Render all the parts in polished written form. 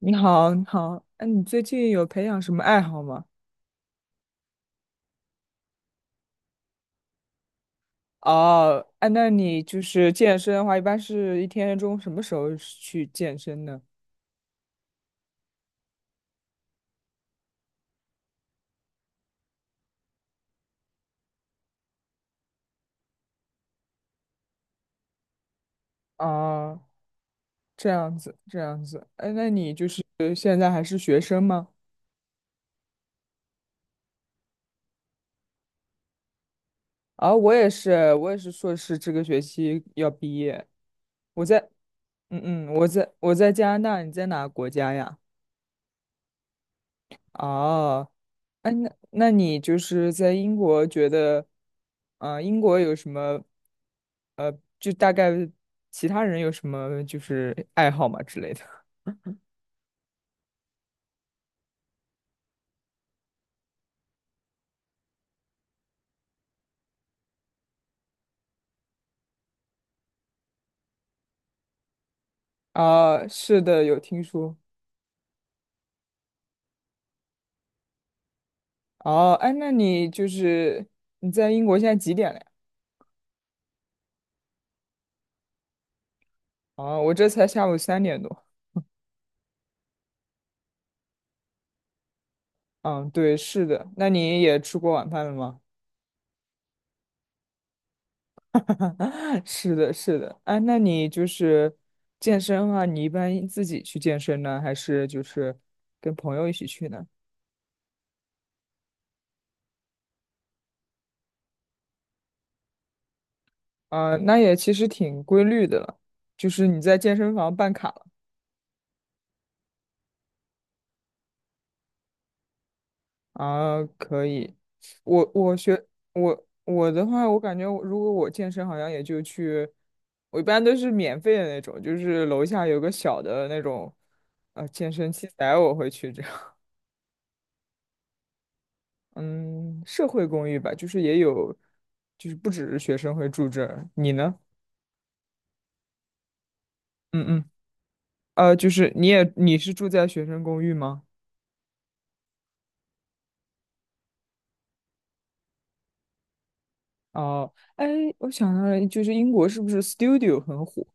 你好，你好，哎，你最近有培养什么爱好吗？哦，哎，那你就是健身的话，一般是一天中什么时候去健身呢？哦，这样子，这样子，哎，那你就是现在还是学生吗？啊、我也是，我也是硕士，这个学期要毕业。我在，我在加拿大，你在哪个国家呀？哦，哎，那你就是在英国觉得，啊、英国有什么，呃，就大概其他人有什么就是爱好嘛之类的？啊、是的，有听说。哦，哎，那你就是你在英国现在几点了呀？哦，我这才下午3点多。嗯，对，是的。那你也吃过晚饭了吗？是的，是的，啊，那你就是健身的话，你一般自己去健身呢，还是就是跟朋友一起去呢？啊，那也其实挺规律的了，就是你在健身房办卡了啊，可以。我我学我的话，我感觉我如果我健身，好像也就去，我一般都是免费的那种，就是楼下有个小的那种健身器材，我会去这样嗯，社会公寓吧，就是也有，就是不只是学生会住这儿。你呢？嗯嗯，就是你是住在学生公寓吗？哦，哎，我想到了，就是英国是不是 studio 很火？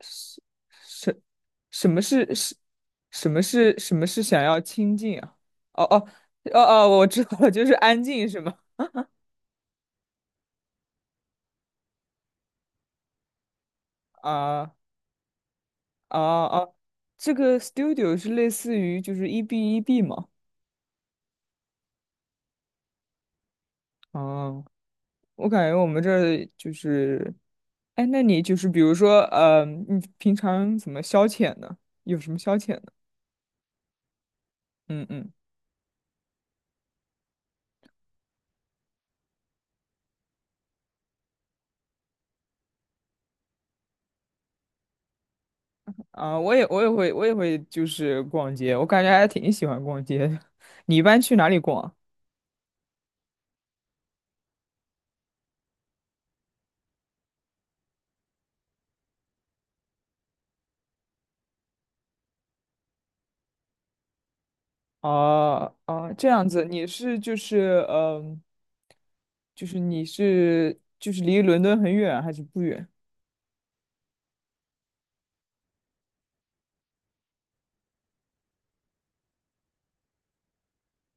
是是，什么是是，什么是想要清静啊？哦哦哦哦，我知道了，就是安静是吗？啊啊啊，这个 studio 是类似于就是 EB 吗？哦。我感觉我们这儿就是，哎，那你就是比如说，你平常怎么消遣呢？有什么消遣呢？嗯嗯，啊，我也会就是逛街，我感觉还挺喜欢逛街的。你一般去哪里逛？哦哦，这样子，你是就是嗯、就是你是就是离伦敦很远还是不远？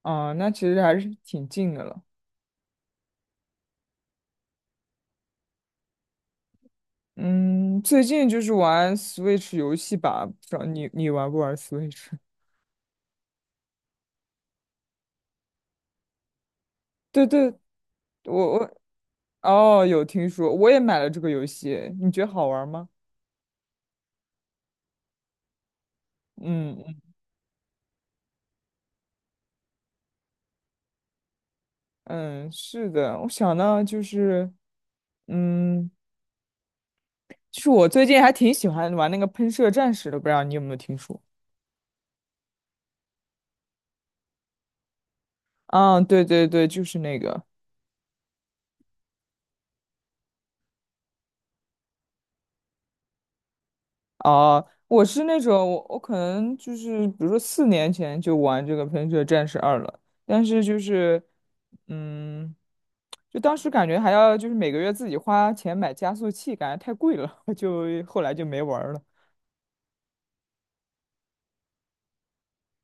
啊，那其实还是挺近的了。嗯，最近就是玩 Switch 游戏吧，不知道你玩不玩 Switch？对对，我我哦有听说，我也买了这个游戏，你觉得好玩吗？嗯 嗯，是的，我想到就是，嗯，就是我最近还挺喜欢玩那个喷射战士的，不知道你有没有听说？啊，对对对，就是那个。哦，我是那种我可能就是比如说4年前就玩这个《喷射战士二》了，但是就是嗯，就当时感觉还要就是每个月自己花钱买加速器，感觉太贵了，就后来就没玩儿了。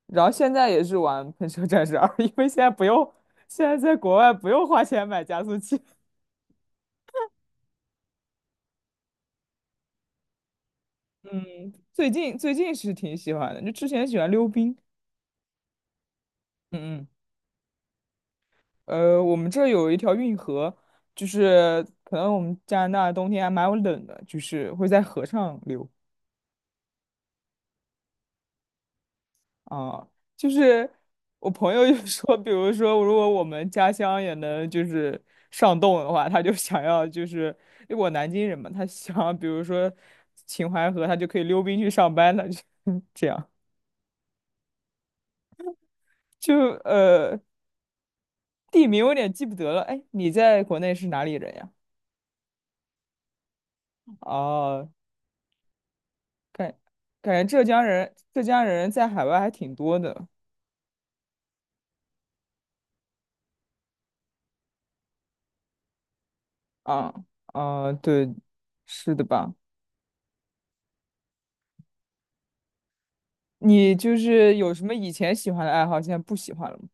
然后现在也是玩《喷射战士二》，因为现在不用，现在在国外不用花钱买加速器。嗯，最近是挺喜欢的，就之前喜欢溜冰。嗯嗯我们这有一条运河，就是可能我们加拿大冬天还蛮冷的，就是会在河上流啊。就是我朋友就 说，比如说如果我们家乡也能就是上冻的话，他就想要就是，因为我南京人嘛，他想要比如说秦淮河，他就可以溜冰去上班了，就 这样。就呃，地名我有点记不得了。哎，你在国内是哪里人呀？哦、感感觉浙江人在海外还挺多的啊啊，对，是的吧？你就是有什么以前喜欢的爱好，现在不喜欢了吗？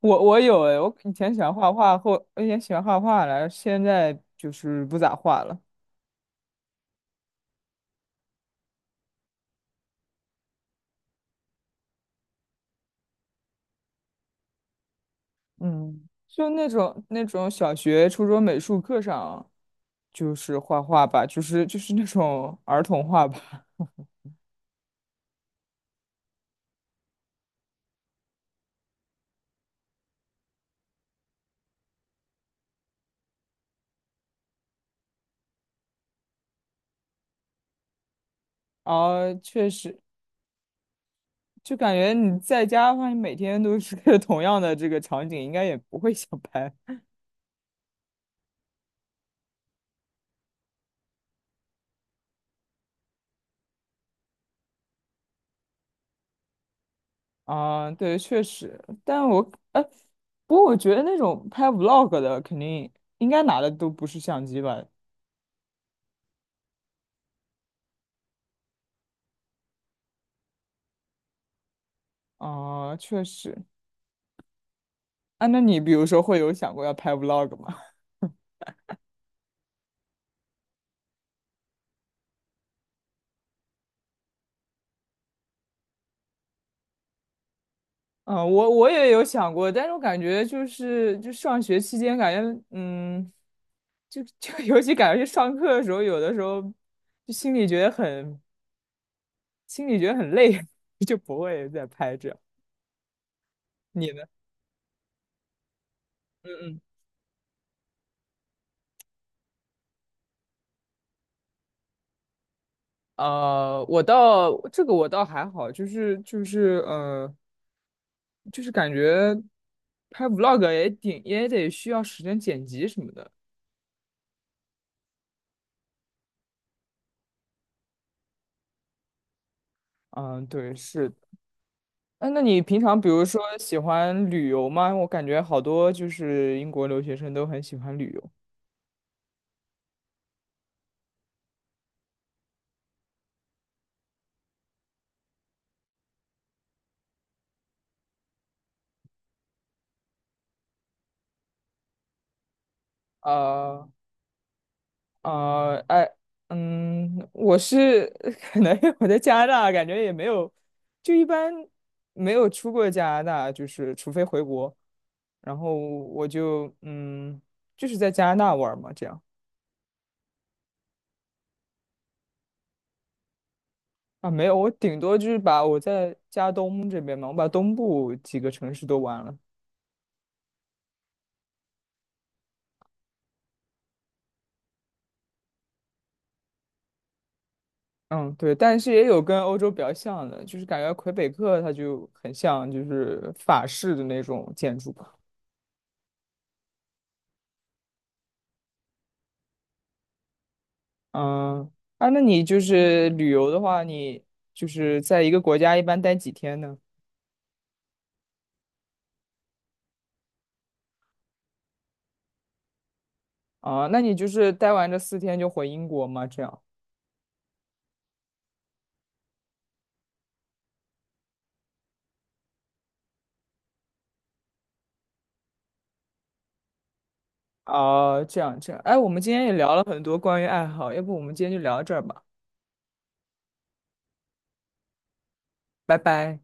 我有诶，我以前喜欢画画，后我以前喜欢画画来，现在就是不咋画了。嗯，就那种小学、初中美术课上就是画画吧，就是那种儿童画吧。啊，确实，就感觉你在家的话，你每天都是 同样的这个场景，应该也不会想拍啊。对，确实，但我哎，不过我觉得那种拍 vlog 的，肯定应该拿的都不是相机吧？啊，确实。啊，那你比如说会有想过要拍 vlog 吗？啊，我也有想过，但是我感觉就是就上学期间，感觉就 尤其感觉去上课的时候，有的时候就心里觉得很累，就不会再拍这样。你呢？嗯嗯。我倒还好，就是就是感觉拍 vlog 也得需要时间剪辑什么的。嗯，对，是的。哎，那你平常比如说喜欢旅游吗？我感觉好多就是英国留学生都很喜欢旅游。啊。啊，哎，我是 可能因为我在加拿大，感觉也没有，就一般没有出过加拿大，就是除非回国，然后我就就是在加拿大玩儿嘛，这样啊，没有，我顶多就是把我在加东这边嘛，我把东部几个城市都玩了，嗯，对，但是也有跟欧洲比较像的，就是感觉魁北克它就很像就是法式的那种建筑。嗯，啊，那你就是旅游的话，你就是在一个国家一般待几天呢？啊，那你就是待完这4天就回英国吗？这样？啊，这样这样。哎，我们今天也聊了很多关于爱好，要不我们今天就聊到这儿吧，拜拜。